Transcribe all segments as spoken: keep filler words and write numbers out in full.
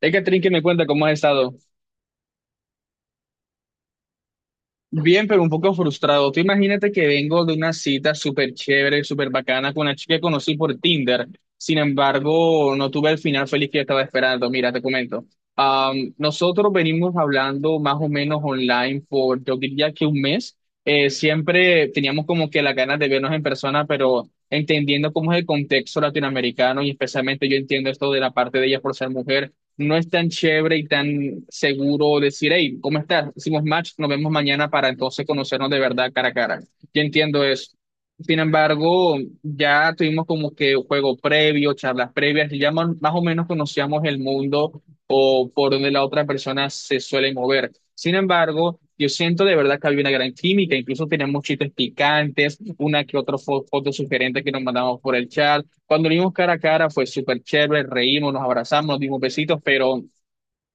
Hey, Catherine, que me cuenta cómo has estado. Bien, pero un poco frustrado. Tú imagínate que vengo de una cita súper chévere, súper bacana con una chica que conocí por Tinder. Sin embargo, no tuve el final feliz que estaba esperando. Mira, te comento. Am, nosotros venimos hablando más o menos online por, yo diría que un mes. Eh, siempre teníamos como que las ganas de vernos en persona, pero entendiendo cómo es el contexto latinoamericano y especialmente yo entiendo esto de la parte de ella por ser mujer no es tan chévere y tan seguro decir, hey, ¿cómo estás? Hicimos match, nos vemos mañana para entonces conocernos de verdad cara a cara. Yo entiendo eso. Sin embargo, ya tuvimos como que juego previo, charlas previas, y ya más, más o menos conocíamos el mundo o por donde la otra persona se suele mover. Sin embargo, yo siento de verdad que había una gran química, incluso teníamos chistes picantes, una que otra fo- foto sugerente que nos mandamos por el chat. Cuando lo vimos cara a cara fue súper chévere, reímos, nos abrazamos, nos dimos besitos, pero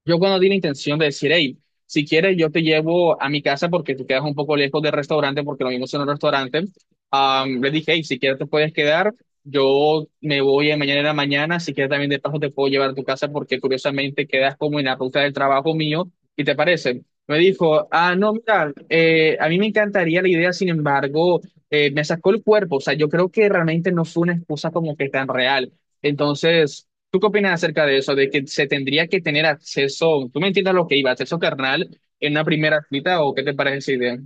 yo cuando di la intención de decir, hey, si quieres yo te llevo a mi casa porque tú quedas un poco lejos del restaurante, porque lo mismo es en un restaurante, am, le dije, hey, si quieres te puedes quedar, yo me voy a mañana en la mañana, si quieres también de paso te puedo llevar a tu casa porque curiosamente quedas como en la ruta del trabajo mío, ¿y te parece? Me dijo, ah, no, mira, eh, a mí me encantaría la idea, sin embargo, eh, me sacó el cuerpo, o sea, yo creo que realmente no fue una excusa como que tan real. Entonces, ¿tú qué opinas acerca de eso? De que se tendría que tener acceso, tú me entiendes a lo que iba, ¿acceso carnal en una primera cita o qué te parece esa idea?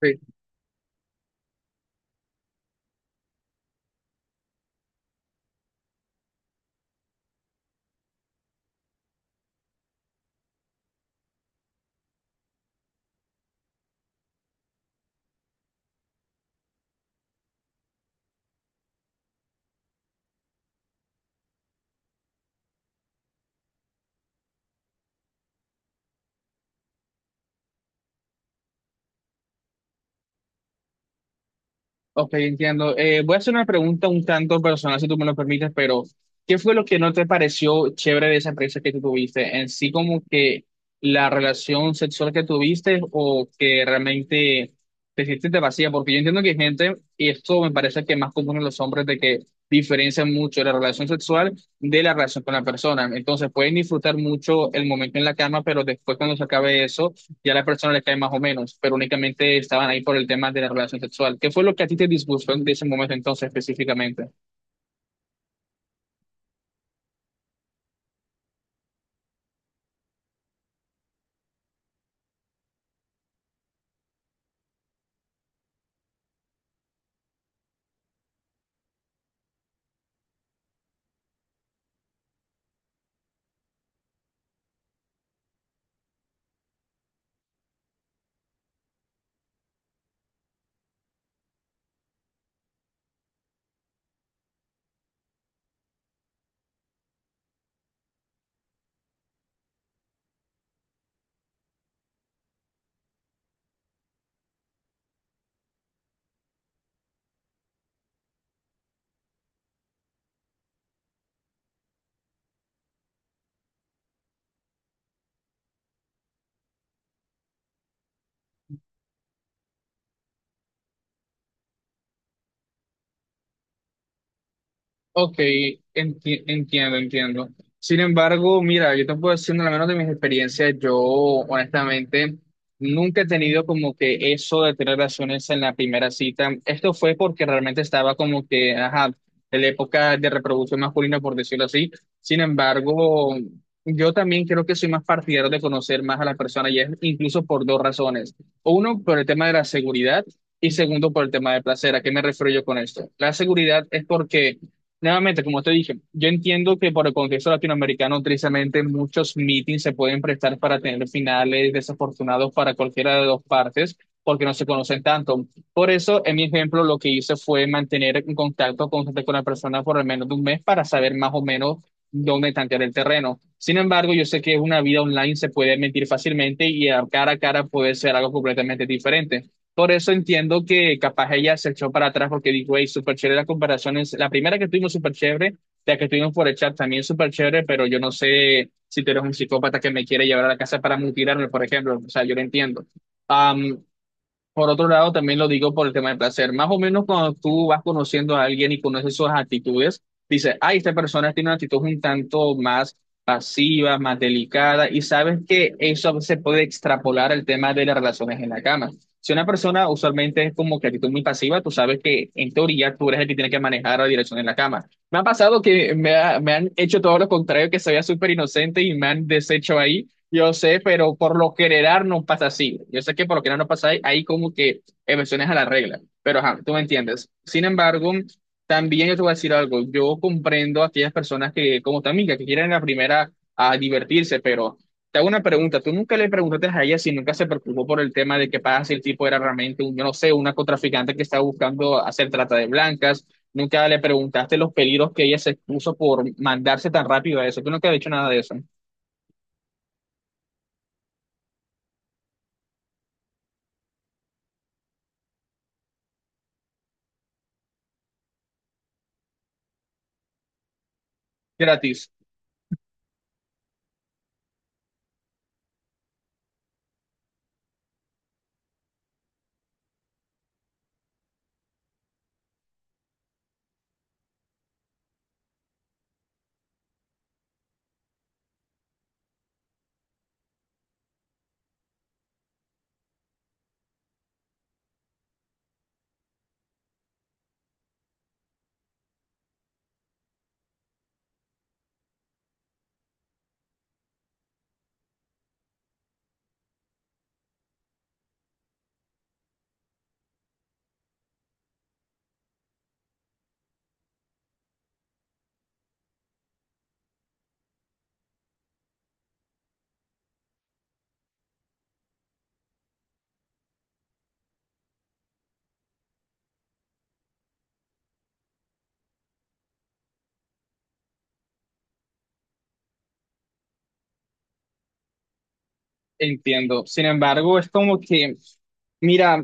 Sí. Ok, entiendo. Eh, voy a hacer una pregunta un tanto personal, si tú me lo permites, pero ¿qué fue lo que no te pareció chévere de esa experiencia que tú tuviste? En sí, como que la relación sexual que tuviste o que realmente te sentiste vacía, porque yo entiendo que hay gente, y esto me parece que es más común en los hombres, de que diferencian mucho la relación sexual de la relación con la persona. Entonces, pueden disfrutar mucho el momento en la cama, pero después cuando se acabe eso ya la persona le cae más o menos, pero únicamente estaban ahí por el tema de la relación sexual. ¿Qué fue lo que a ti te disgustó en ese momento entonces específicamente? Ok, enti- entiendo, entiendo. Sin embargo, mira, yo te puedo decir, no, al menos de mis experiencias, yo honestamente nunca he tenido como que eso de tener relaciones en la primera cita. Esto fue porque realmente estaba como que, ajá, en la época de reproducción masculina, por decirlo así. Sin embargo, yo también creo que soy más partidario de conocer más a las personas y es incluso por dos razones. Uno, por el tema de la seguridad y segundo, por el tema de placer. ¿A qué me refiero yo con esto? La seguridad es porque nuevamente, como te dije, yo entiendo que por el contexto latinoamericano, tristemente, muchos meetings se pueden prestar para tener finales desafortunados para cualquiera de dos partes, porque no se conocen tanto. Por eso, en mi ejemplo, lo que hice fue mantener un contacto constante con la persona por al menos de un mes para saber más o menos dónde tantear el terreno. Sin embargo, yo sé que una vida online se puede mentir fácilmente y a cara a cara puede ser algo completamente diferente. Por eso entiendo que capaz ella se echó para atrás porque dijo, hey, súper chévere las comparaciones. La primera que tuvimos súper chévere, la que tuvimos por el chat también súper chévere, pero yo no sé si tú eres un psicópata que me quiere llevar a la casa para mutilarme, por ejemplo. O sea, yo lo entiendo. Am, por otro lado, también lo digo por el tema del placer. Más o menos cuando tú vas conociendo a alguien y conoces sus actitudes, dices, ay, esta persona tiene una actitud un tanto más pasiva, más delicada, y sabes que eso se puede extrapolar al tema de las relaciones en la cama. Si una persona usualmente es como que actitud muy pasiva, tú sabes que en teoría tú eres el que tiene que manejar la dirección en la cama. Me ha pasado que me, ha- me han hecho todo lo contrario, que se vea súper inocente y me han deshecho ahí. Yo sé, pero por lo general no pasa así. Yo sé que por lo general no pasa ahí, ahí como que excepciones a la regla, pero ajá, tú me entiendes. Sin embargo, también yo te voy a decir algo. Yo comprendo a aquellas personas que, como tu amiga, que quieren la primera a divertirse, pero te hago una pregunta. ¿Tú nunca le preguntaste a ella si nunca se preocupó por el tema de que pasa si el tipo era realmente un, yo no sé, una contraficante que estaba buscando hacer trata de blancas? ¿Nunca le preguntaste los peligros que ella se expuso por mandarse tan rápido a eso? ¿Tú nunca has dicho nada de eso? Gratis. Entiendo. Sin embargo, es como que, mira,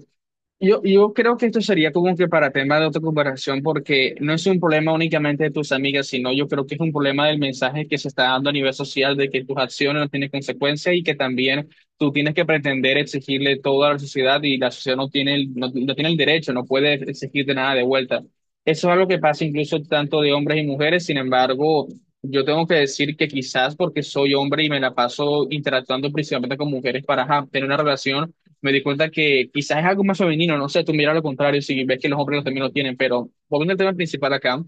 yo, yo creo que esto sería como que para tema de otra conversación, porque no es un problema únicamente de tus amigas, sino yo creo que es un problema del mensaje que se está dando a nivel social de que tus acciones no tienen consecuencias y que también tú tienes que pretender exigirle todo a la sociedad y la sociedad no tiene el, no, no tiene el derecho, no puede exigirte nada de vuelta. Eso es algo que pasa incluso tanto de hombres y mujeres, sin embargo, yo tengo que decir que quizás porque soy hombre y me la paso interactuando principalmente con mujeres para ajá, tener una relación me di cuenta que quizás es algo más femenino, no sé, tú miras lo contrario si ves que los hombres también lo tienen, pero volviendo al tema principal acá,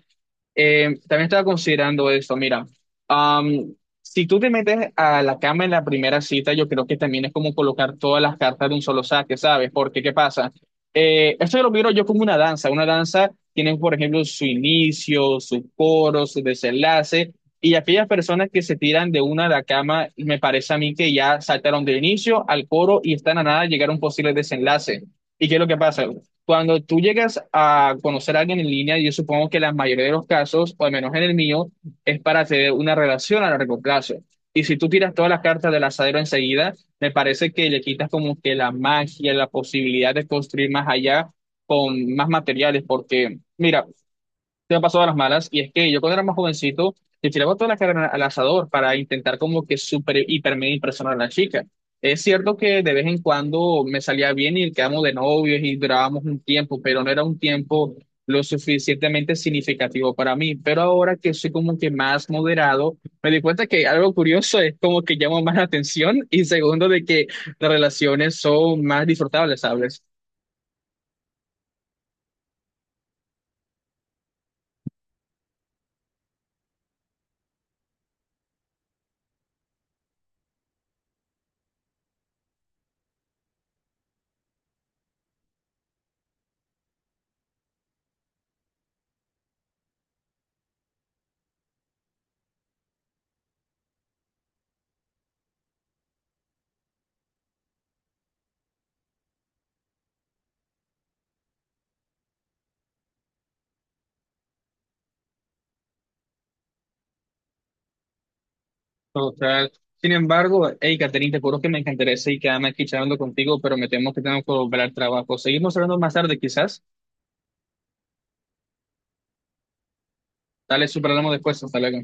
eh, también estaba considerando esto, mira, am, si tú te metes a la cama en la primera cita, yo creo que también es como colocar todas las cartas de un solo saque, ¿sabes? Porque, ¿qué pasa? Eh, esto lo miro yo como una danza, una danza tiene, por ejemplo, su inicio, su coro, su desenlace, y aquellas personas que se tiran de una a la cama, me parece a mí que ya saltaron del inicio al coro y están a nada de llegar a un posible desenlace. ¿Y qué es lo que pasa? Cuando tú llegas a conocer a alguien en línea, yo supongo que la mayoría de los casos, o al menos en el mío, es para tener una relación a largo plazo. Y si tú tiras todas las cartas del asadero enseguida, me parece que le quitas como que la magia, la posibilidad de construir más allá con más materiales, porque, mira, se me pasó a las malas, y es que yo cuando era más jovencito, le tiraba toda la carne al asador para intentar como que super, hiper, mega impresionar a la chica. Es cierto que de vez en cuando me salía bien y quedamos de novios y durábamos un tiempo, pero no era un tiempo lo suficientemente significativo para mí. Pero ahora que soy como que más moderado, me di cuenta que algo curioso es como que llamo más la atención y segundo de que las relaciones son más disfrutables, ¿sabes? Total. Sin embargo, hey, Caterina, te juro que me encantaría seguir quedarme aquí charlando contigo, pero me temo que tengo que volver al trabajo. Seguimos hablando más tarde, quizás. Dale, superamos después. Hasta luego.